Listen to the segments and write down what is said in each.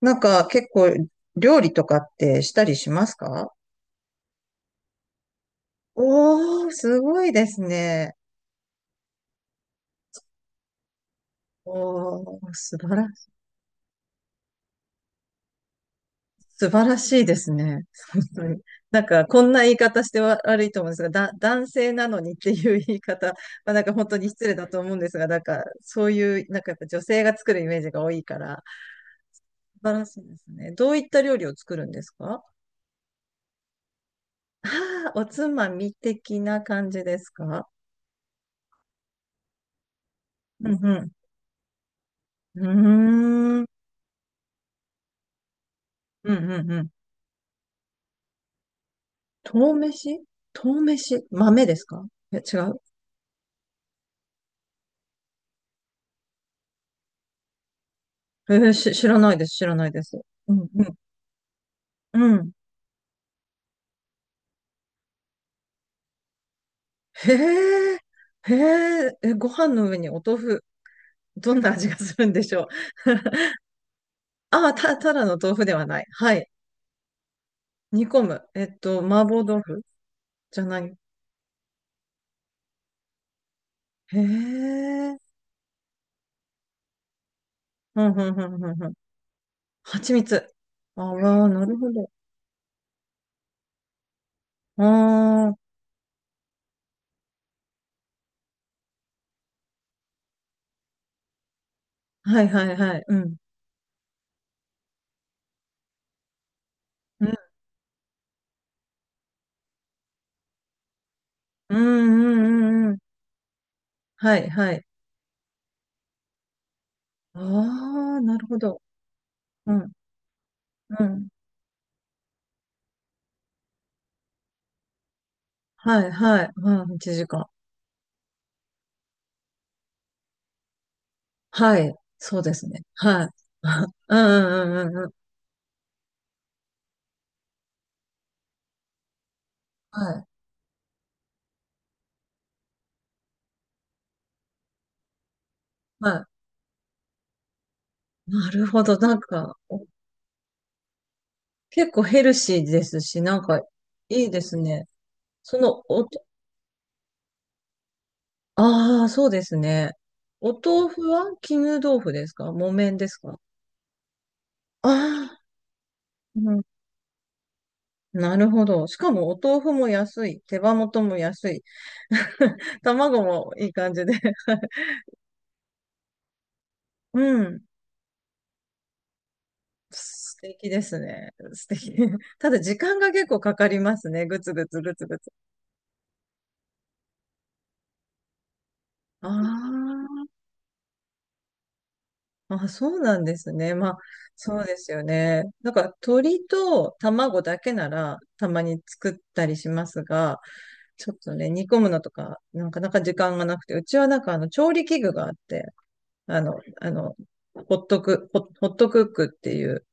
なんか結構料理とかってしたりしますか？おー、すごいですね。おー、素晴らしいですね。本当に。なんかこんな言い方しては悪いと思うんですが、男性なのにっていう言い方、まあ、なんか本当に失礼だと思うんですが、なんかそういう、なんかやっぱ女性が作るイメージが多いから、素晴らしいですね。どういった料理を作るんですか？ああー、おつまみ的な感じですか？うんうん。うーん。うんうんうん。豆飯。豆飯豆ですか？え、違う。えーし、知らないです、知らないです。うん、うん、うん。へえ、へえ、え、ご飯の上にお豆腐、どんな味がするんでしょう。ああ、ただの豆腐ではない。はい。煮込む。麻婆豆腐じゃない。へえ。うん、うん、うん、うん、うん。蜂蜜。ああ、なるほど。ああ、はい、はい、はい。うん。うん、うん、うん、うん。うんはい、はい。ああ、なるほど。うん、うん。はい、はい、うん、1時間。はい、そうですね。はい。うんうんうんうんうん。はい。はい。なるほど。なんか、お結構ヘルシーですし、なんか、いいですね。その、おと、ああ、そうですね。お豆腐は絹豆腐ですか木綿ですか？ああ。うん。なるほど。しかも、お豆腐も安い。手羽元も安い。卵もいい感じで。うん。素敵ですね。素敵。ただ時間が結構かかりますね。ぐつぐつぐつぐつ。ああ、そうなんですね。まあ、そうですよね。なんか鶏と卵だけならたまに作ったりしますが、ちょっとね、煮込むのとか、なかなか時間がなくて、うちはなんかあの調理器具があって、あの、あの、ホットクックっていう、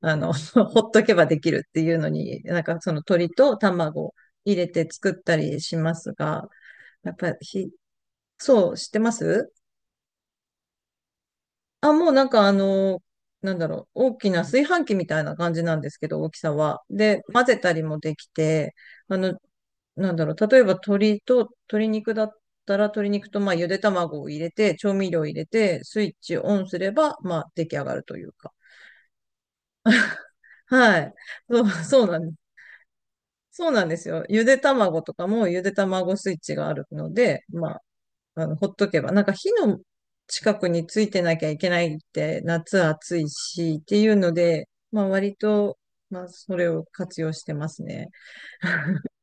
あの、ほっとけばできるっていうのに、なんかその鶏と卵入れて作ったりしますが、やっぱひ、そう、知ってますあ、もうなんかあの、なんだろう、大きな炊飯器みたいな感じなんですけど、大きさは。で、混ぜたりもできて、あの、なんだろう、例えば鶏肉だったら、鶏肉とまあゆで卵を入れて、調味料を入れて、スイッチオンすれば、まあ出来上がるというか。はい。そう、そうなんです。そうなんですよ。ゆで卵とかもゆで卵スイッチがあるので、まあ、あの、ほっとけば、なんか火の近くについてなきゃいけないって、夏暑いしっていうので、まあ割と、まあそれを活用してますね。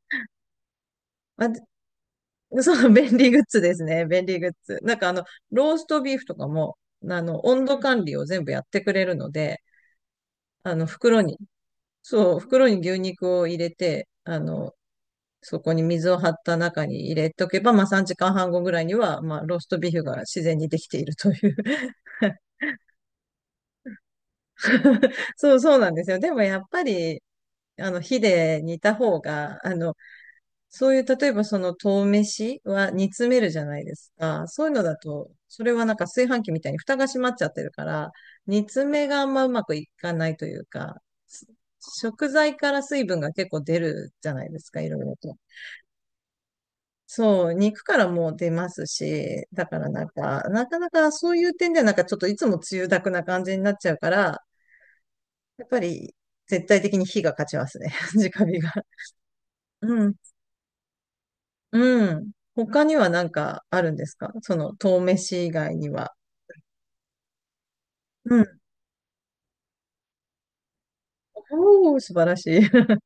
あ、そう、便利グッズですね。便利グッズ。なんかあの、ローストビーフとかも、あの、温度管理を全部やってくれるので、あの、袋に、そう、袋に牛肉を入れて、あの、そこに水を張った中に入れとけば、まあ3時間半後ぐらいには、まあローストビーフが自然にできているという。 そうそうなんですよ。でもやっぱり、あの火で煮た方が、あの、そういう、例えばその豆飯は煮詰めるじゃないですか。そういうのだと、それはなんか炊飯器みたいに蓋が閉まっちゃってるから、煮詰めがあんまうまくいかないというか、す食材から水分が結構出るじゃないですか、いろいろと。そう、肉からも出ますし、だからなんか、なかなかそういう点ではなんかちょっといつもつゆだくな感じになっちゃうから、やっぱり絶対的に火が勝ちますね。直火が。うん。うん。他にはなんかあるんですか？その、豆飯以外には。うん。おー、素晴らしい。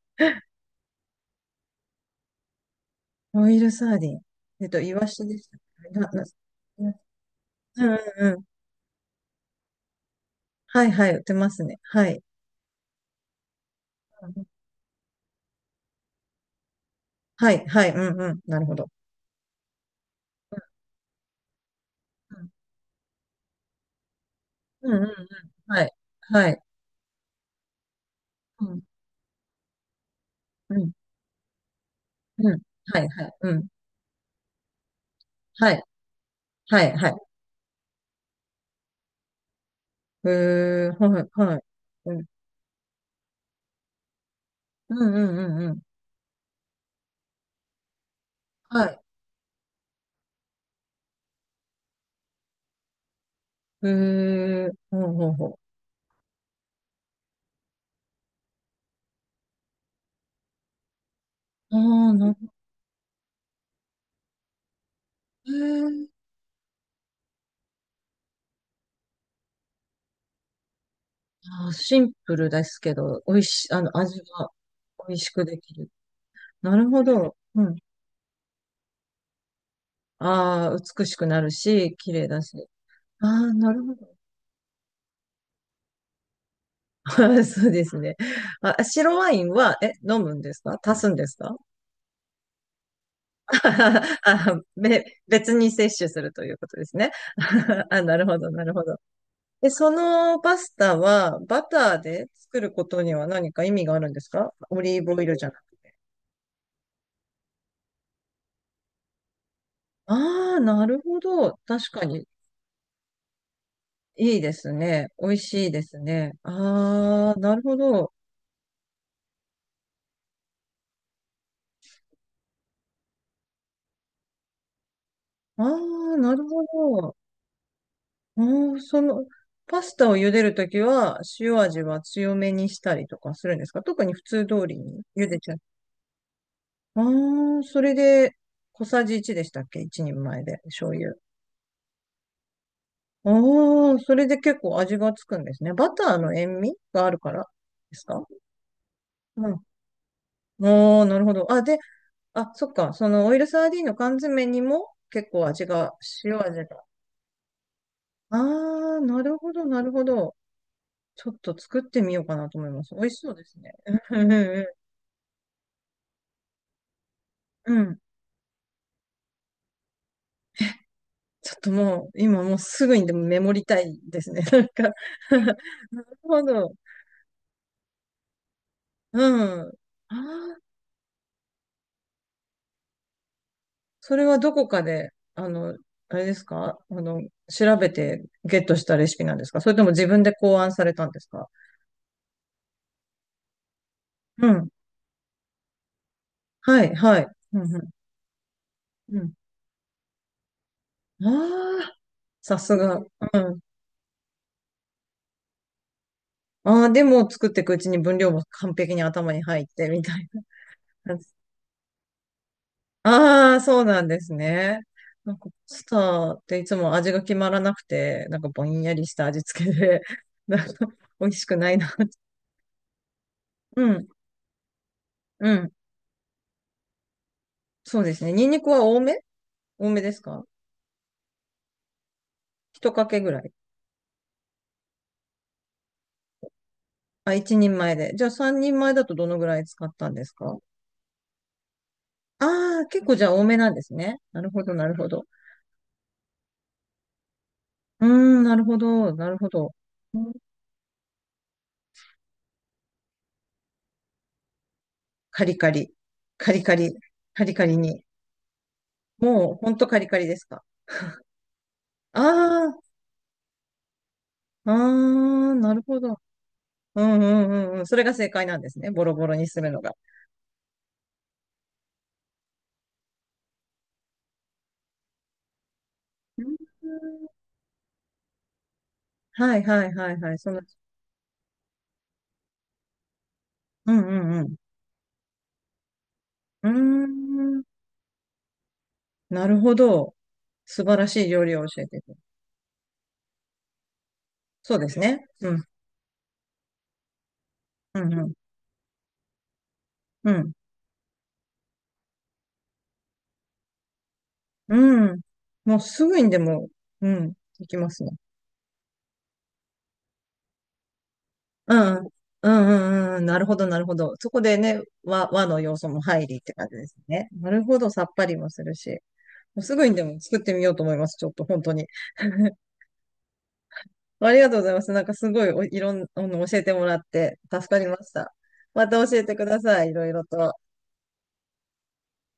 オイルサーディン。イワシでしたっけ。な、な、なうんうんうん。はいはい、売ってますね。はい。はい、はい、うんうん。なるほど。うんうんうんうん。はい。はい。うん、うん、うん。はい、はい、うん。はい、はい、はい。へえ、はい、はい。うん、うん、うん、うん。うんはい。へえ、ほうほうほう。ああ、なるほどね。あー、シンプルですけど、美味し、あの、味が美味しくできる。なるほど。うん。ああ、美しくなるし、綺麗だし。ああ、なるほど。そうですね。あ、白ワインは、え、飲むんですか足すんですか？ あ、別に摂取するということですね。あ、なるほど、なるほど。で、そのパスタはバターで作ることには何か意味があるんですか？オリーブオイルじゃなく。ああ、なるほど。確かに。いいですね。美味しいですね。ああ、なるほど。ああ、なるほど。ああ、その、パスタを茹でるときは、塩味は強めにしたりとかするんですか？特に普通通りに茹でちゃう。ああ、それで、小さじ1でしたっけ ?1 人前で、醤油。ああ、それで結構味がつくんですね。バターの塩味があるからですか？うん。ああ、なるほど。あ、で、あ、そっか。そのオイルサーディンの缶詰にも結構味が、塩味が。ああ、なるほど、なるほど。ちょっと作ってみようかなと思います。美味しそうですね。うん、うん、うん。うんちょっともう、今もうすぐにでもメモりたいですね。なんか なるほど。うん。ああ、それはどこかで、あの、あれですかあの、調べてゲットしたレシピなんですかそれとも自分で考案されたんですか？うん。はい、はい。うん、うん。うん。ああ、さすが。うん。ああ、でも作っていくうちに分量も完璧に頭に入ってみたいな。ああ、そうなんですね。なんか、パスタっていつも味が決まらなくて、なんかぼんやりした味付けで、なんか美味しくないな。うん、うん。そうですね。ニンニクは多め多めですか？一かけぐらい。あ、一人前で。じゃあ三人前だとどのぐらい使ったんですか？ああー、結構じゃあ多めなんですね。なるほど、なるほど。うーん、なるほど、なるほど。うん。カリカリ、カリカリ、カリカリに。もう、ほんとカリカリですか。ああ、ああ、なるほど。うんうんうんうん。それが正解なんですね。ボロボロにするのが。うんはいはいはいはい。その、うんうんうん。うーん。なるほど。素晴らしい料理を教えてくれる。そうですね。うんうんうん。うん。うん。もうすぐにでも、うん、できますね。うん。うんうんうん。なるほど、なるほど。そこでね、和の要素も入りって感じですね。なるほど、さっぱりもするし。もうすぐにでも作ってみようと思います。ちょっと本当に。ありがとうございます。なんかすごいおいろんな、の教えてもらって助かりました。また教えてください。いろいろと。